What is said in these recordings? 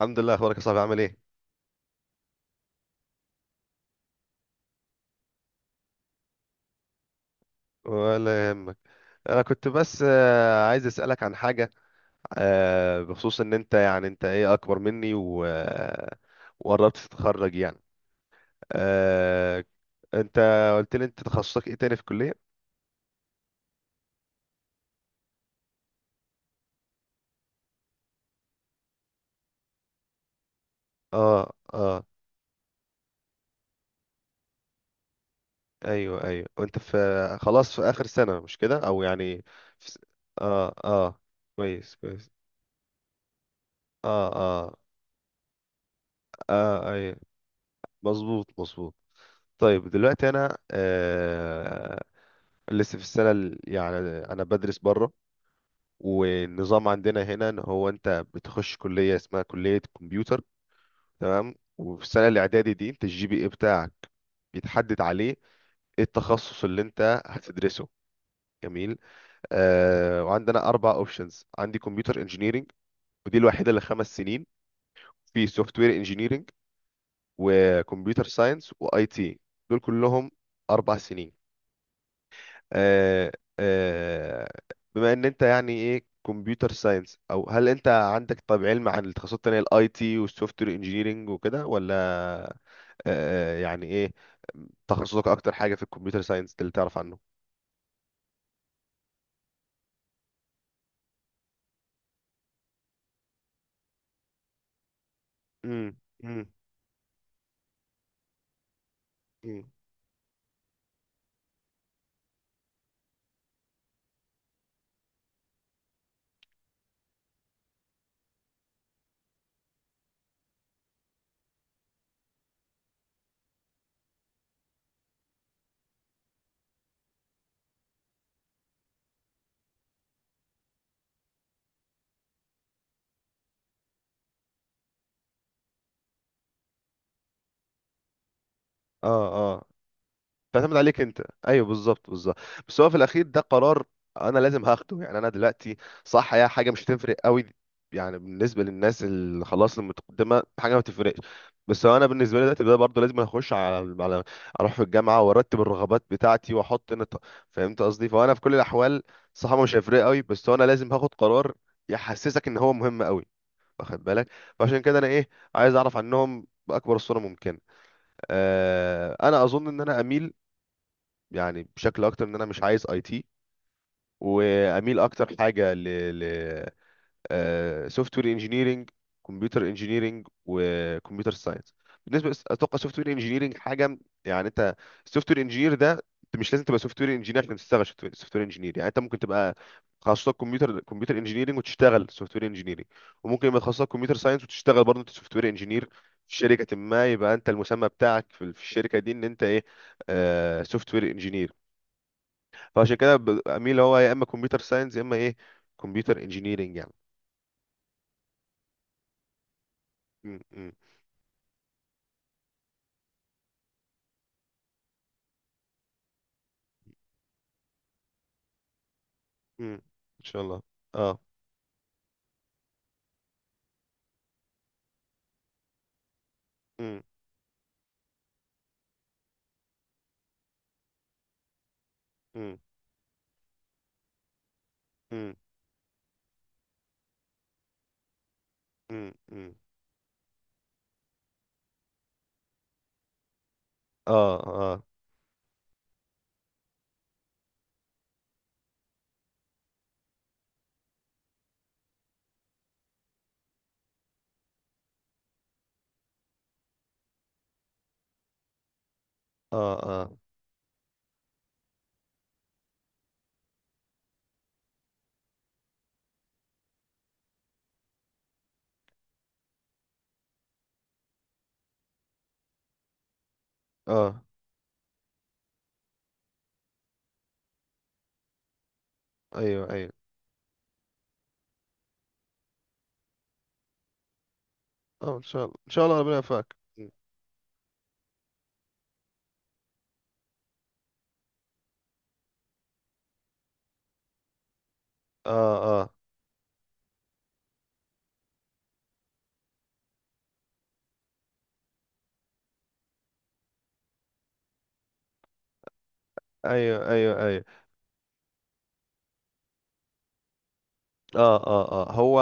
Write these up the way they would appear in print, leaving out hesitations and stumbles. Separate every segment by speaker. Speaker 1: الحمد لله. اخبارك يا صاحبي؟ عامل ايه؟ ولا يهمك. انا كنت بس عايز اسالك عن حاجه. بخصوص ان انت ايه اكبر مني و... آه، وقربت تتخرج يعني. آه، انت قلت لي انت تخصصك ايه تاني في الكليه؟ اه، اه. ايوه، ايوه، وانت في خلاص في اخر سنه، مش كده؟ او يعني في... س- اه، اه. كويس، كويس. اه، اه، اه، ايوه. مظبوط، مظبوط. طيب، دلوقتي انا لسه في السنة يعني أنا بدرس بره، والنظام عندنا هنا إن هو أنت بتخش كلية اسمها كلية كمبيوتر. تمام. وفي السنة الإعدادي دي أنت الجي بي إيه بتاعك بيتحدد عليه إيه التخصص اللي أنت هتدرسه. جميل. وعندنا أربع أوبشنز. عندي كمبيوتر إنجينيرينج، ودي الوحيدة اللي 5 سنين. في سوفت وير إنجينيرينج، وكمبيوتر ساينس، وأي تي. دول كلهم 4 سنين. آه، آه، بما ان انت يعني ايه كمبيوتر ساينس، او هل انت عندك طب علم عن التخصصات التانية، الاي تي والسوفت وير انجينيرنج وكده، ولا آه، يعني ايه تخصصك اكتر حاجة في الكمبيوتر ساينس اللي تعرف عنه؟ امم امم اه، اه. تعتمد عليك انت. ايوه، بالظبط، بالظبط. بس هو في الاخير ده قرار انا لازم هاخده. يعني انا دلوقتي صح، هي حاجه مش هتفرق قوي، يعني بالنسبه للناس اللي خلاص المتقدمه حاجه ما بتفرقش. بس هو انا بالنسبه لي دلوقتي ده برضه لازم اخش على اروح في الجامعه وارتب الرغبات بتاعتي واحط فهمت قصدي. فانا في كل الاحوال صح، مش هيفرق قوي، بس هو انا لازم هاخد قرار يحسسك ان هو مهم قوي، واخد بالك؟ فعشان كده انا ايه، عايز اعرف عنهم باكبر الصوره ممكنه. انا اظن ان انا اميل، يعني بشكل اكتر، ان انا مش عايز اي تي، واميل اكتر حاجه ل سوفت وير انجينيرنج، كمبيوتر انجينيرنج، وكمبيوتر ساينس. بالنسبه اتوقع سوفت وير انجينيرنج حاجه يعني انت السوفت وير انجينير ده، انت مش لازم تبقى سوفت وير انجينير عشان تشتغل سوفت وير انجينير. يعني انت ممكن تبقى تخصصك كمبيوتر انجينيرنج وتشتغل سوفت وير انجينيرنج، وممكن يبقى تخصصك كمبيوتر ساينس وتشتغل برضه انت سوفت وير انجينير في شركه ما. يبقى انت المسمى بتاعك في الشركه دي ان انت ايه، سوفت وير انجينير. فعشان كده اميل هو يا اما كمبيوتر ساينس يا اما ايه، كمبيوتر انجينيرنج يعني. م- م- م. ان شاء الله. اه. م- م- م- م- م. اه، اه، اه، اه، اه، ايوه، ايوه. اه، ان شاء الله، ان شاء الله، ربنا يوفقك. اه، اه، ايوه، ايوه، ايوه، اه، اه، اه. هو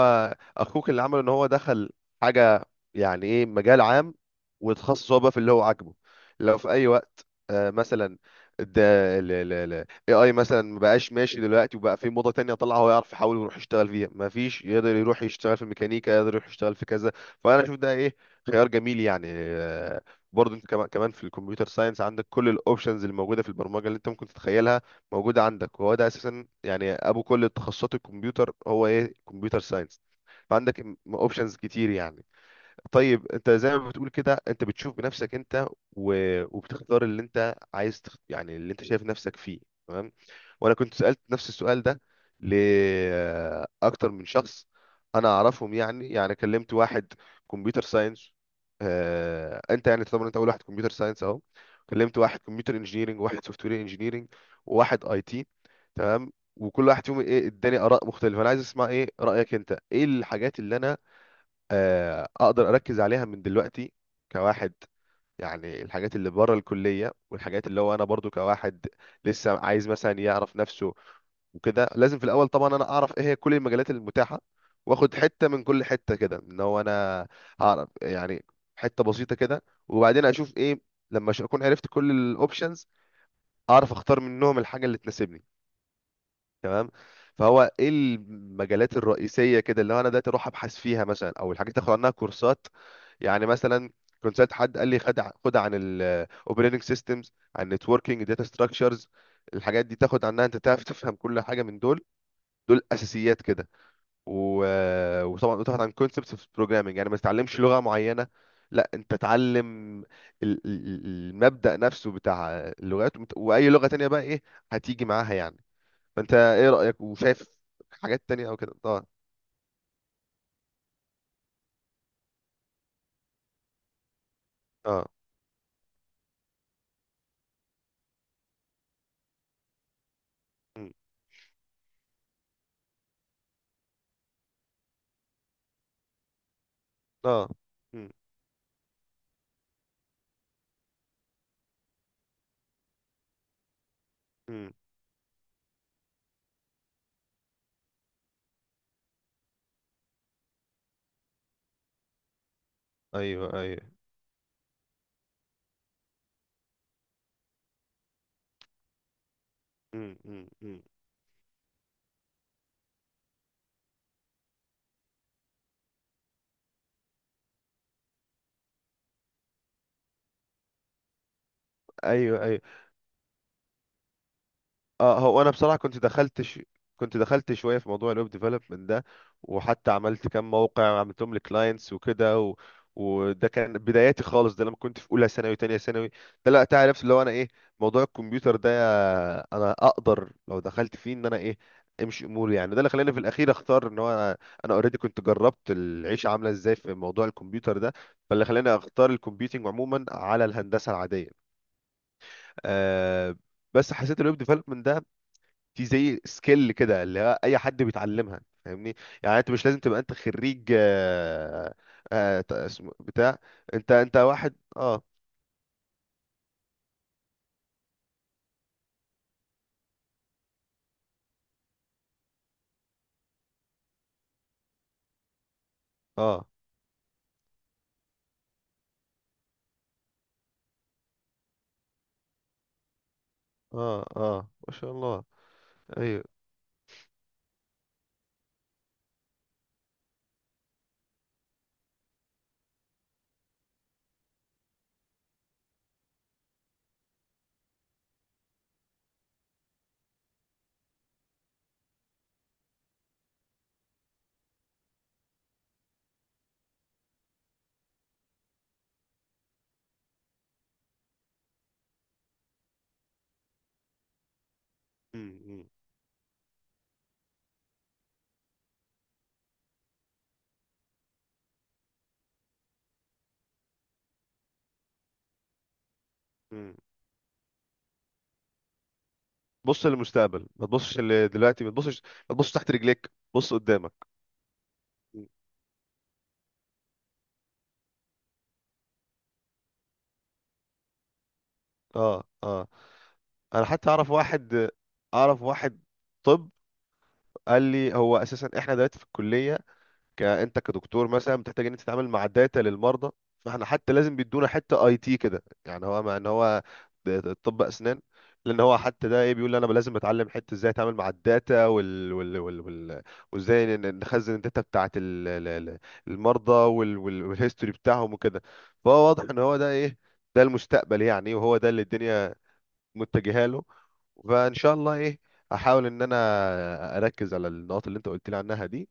Speaker 1: اخوك اللي عمله ان هو دخل حاجه، يعني ايه، مجال عام، وتخصص هو بقى في اللي هو عاجبه. لو في اي وقت مثلا ده ال AI مثلا ما بقاش ماشي دلوقتي وبقى في موضه تانية، طلع هو يعرف يحاول ويروح يشتغل فيها. ما فيش يقدر يروح يشتغل في الميكانيكا، يقدر يروح يشتغل في كذا. فانا اشوف ده ايه، خيار جميل يعني. برضه انت كمان، كمان في الكمبيوتر ساينس عندك كل الاوبشنز اللي موجوده في البرمجه اللي انت ممكن تتخيلها موجودة عندك. وهو ده أساسا يعني أبو كل تخصصات الكمبيوتر هو إيه، كمبيوتر ساينس. فعندك اوبشنز كتير يعني. طيب، انت زي ما بتقول كده، انت بتشوف بنفسك انت وبتختار اللي انت عايز يعني اللي انت شايف نفسك فيه. تمام. وانا كنت سألت نفس السؤال ده لاكتر من شخص انا اعرفهم. يعني كلمت واحد كمبيوتر ساينس. انت يعني طبعا انت اول واحد كمبيوتر ساينس اهو. كلمت واحد كمبيوتر انجينيرنج، وواحد سوفت وير انجينيرنج، وواحد اي تي. تمام. وكل واحد فيهم ايه اداني اراء مختلفه. انا عايز اسمع ايه رايك انت، ايه الحاجات اللي انا اقدر اركز عليها من دلوقتي كواحد، يعني الحاجات اللي بره الكلية، والحاجات اللي هو انا برضو كواحد لسه عايز مثلا يعرف نفسه وكده. لازم في الاول طبعا انا اعرف ايه هي كل المجالات المتاحة، واخد حتة من كل حتة كده ان هو انا اعرف يعني حتة بسيطة كده، وبعدين اشوف ايه، لما اكون عرفت كل الاوبشنز اعرف اختار منهم الحاجة اللي تناسبني. تمام. فهو ايه المجالات الرئيسيه كده اللي هو انا دلوقتي اروح ابحث فيها مثلا، او الحاجات اللي اخد عنها كورسات؟ يعني مثلا كنت سالت حد قال لي خد خد عن الاوبريتنج سيستمز، عن النتوركينج، داتا ستراكشرز. الحاجات دي تاخد عنها انت تعرف تفهم كل حاجه من دول. دول اساسيات كده. و... آه، وطبعا تاخد عن كونسبتس في البروجرامنج. يعني ما تتعلمش لغه معينه، لا، انت تعلم المبدأ نفسه بتاع اللغات واي لغه تانية بقى ايه هتيجي معاها يعني. فانت ايه رأيك وشايف حاجات تانية او كده؟ اه، اه، مم. اه، مم، مم. ايوه، ايوه، مم، مم، مم. ايوه، ايوه، اه. هو انا بصراحه كنت دخلت كنت دخلت شويه في موضوع الويب ديفلوبمنت ده، وحتى عملت كام موقع عملتهم لكلاينتس وكده وده كان بداياتي خالص. ده لما كنت في اولى ثانوي وثانيه ثانوي. ده لا تعرف اللي هو انا ايه، موضوع الكمبيوتر ده، انا اقدر لو دخلت فيه ان انا ايه، امشي اموري. يعني ده اللي خلاني في الاخير اختار ان هو انا انا اوريدي كنت جربت العيشه عامله ازاي في موضوع الكمبيوتر ده. فاللي خلاني اختار الكمبيوتنج عموما على الهندسه العاديه. أه. بس حسيت الويب ديفلوبمنت ده، دي زي سكيل كده اللي هو اي حد بيتعلمها، فاهمني؟ يعني انت مش لازم تبقى انت خريج اسمه بتاع انت واحد اه. اه، اه، اه، ما شاء الله. ايوه، مم، مم، مم. بص للمستقبل، ما تبصش دلوقتي، ما تبصش، ما تبصش تحت رجليك، بص قدامك. مم. اه، اه. انا حتى اعرف واحد، اعرف واحد. طب، قال لي هو اساسا احنا دلوقتي في الكلية، انت كدكتور مثلا بتحتاج ان انت تتعامل مع داتا للمرضى، فاحنا حتى لازم بيدونا حته اي تي كده. يعني هو مع ان هو طب اسنان، لان هو حتى ده ايه بيقول لي انا لازم اتعلم حته ازاي اتعامل مع الداتا وال وال وال وال وازاي نخزن الداتا بتاعه المرضى والهيستوري بتاعهم وكده. فهو واضح ان هو ده ايه، ده المستقبل يعني، وهو ده اللي الدنيا متجهه له. فان شاء الله ايه، احاول ان انا اركز على النقاط اللي انت قلت لي عنها دي.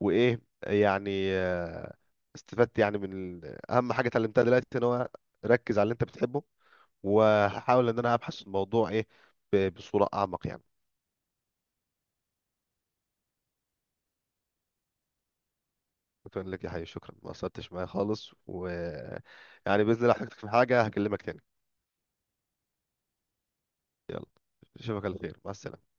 Speaker 1: وايه يعني استفدت يعني من اهم حاجه اتعلمتها دلوقتي ان هو ركز على اللي انت بتحبه. وهحاول ان انا ابحث الموضوع ايه، بصوره اعمق يعني. بتقول لك يا حي، شكرا، ما قصرتش معايا خالص، و يعني باذن الله احتاجتك في حاجه هكلمك تاني. يلا، اشوفك على خير. مع السلامه.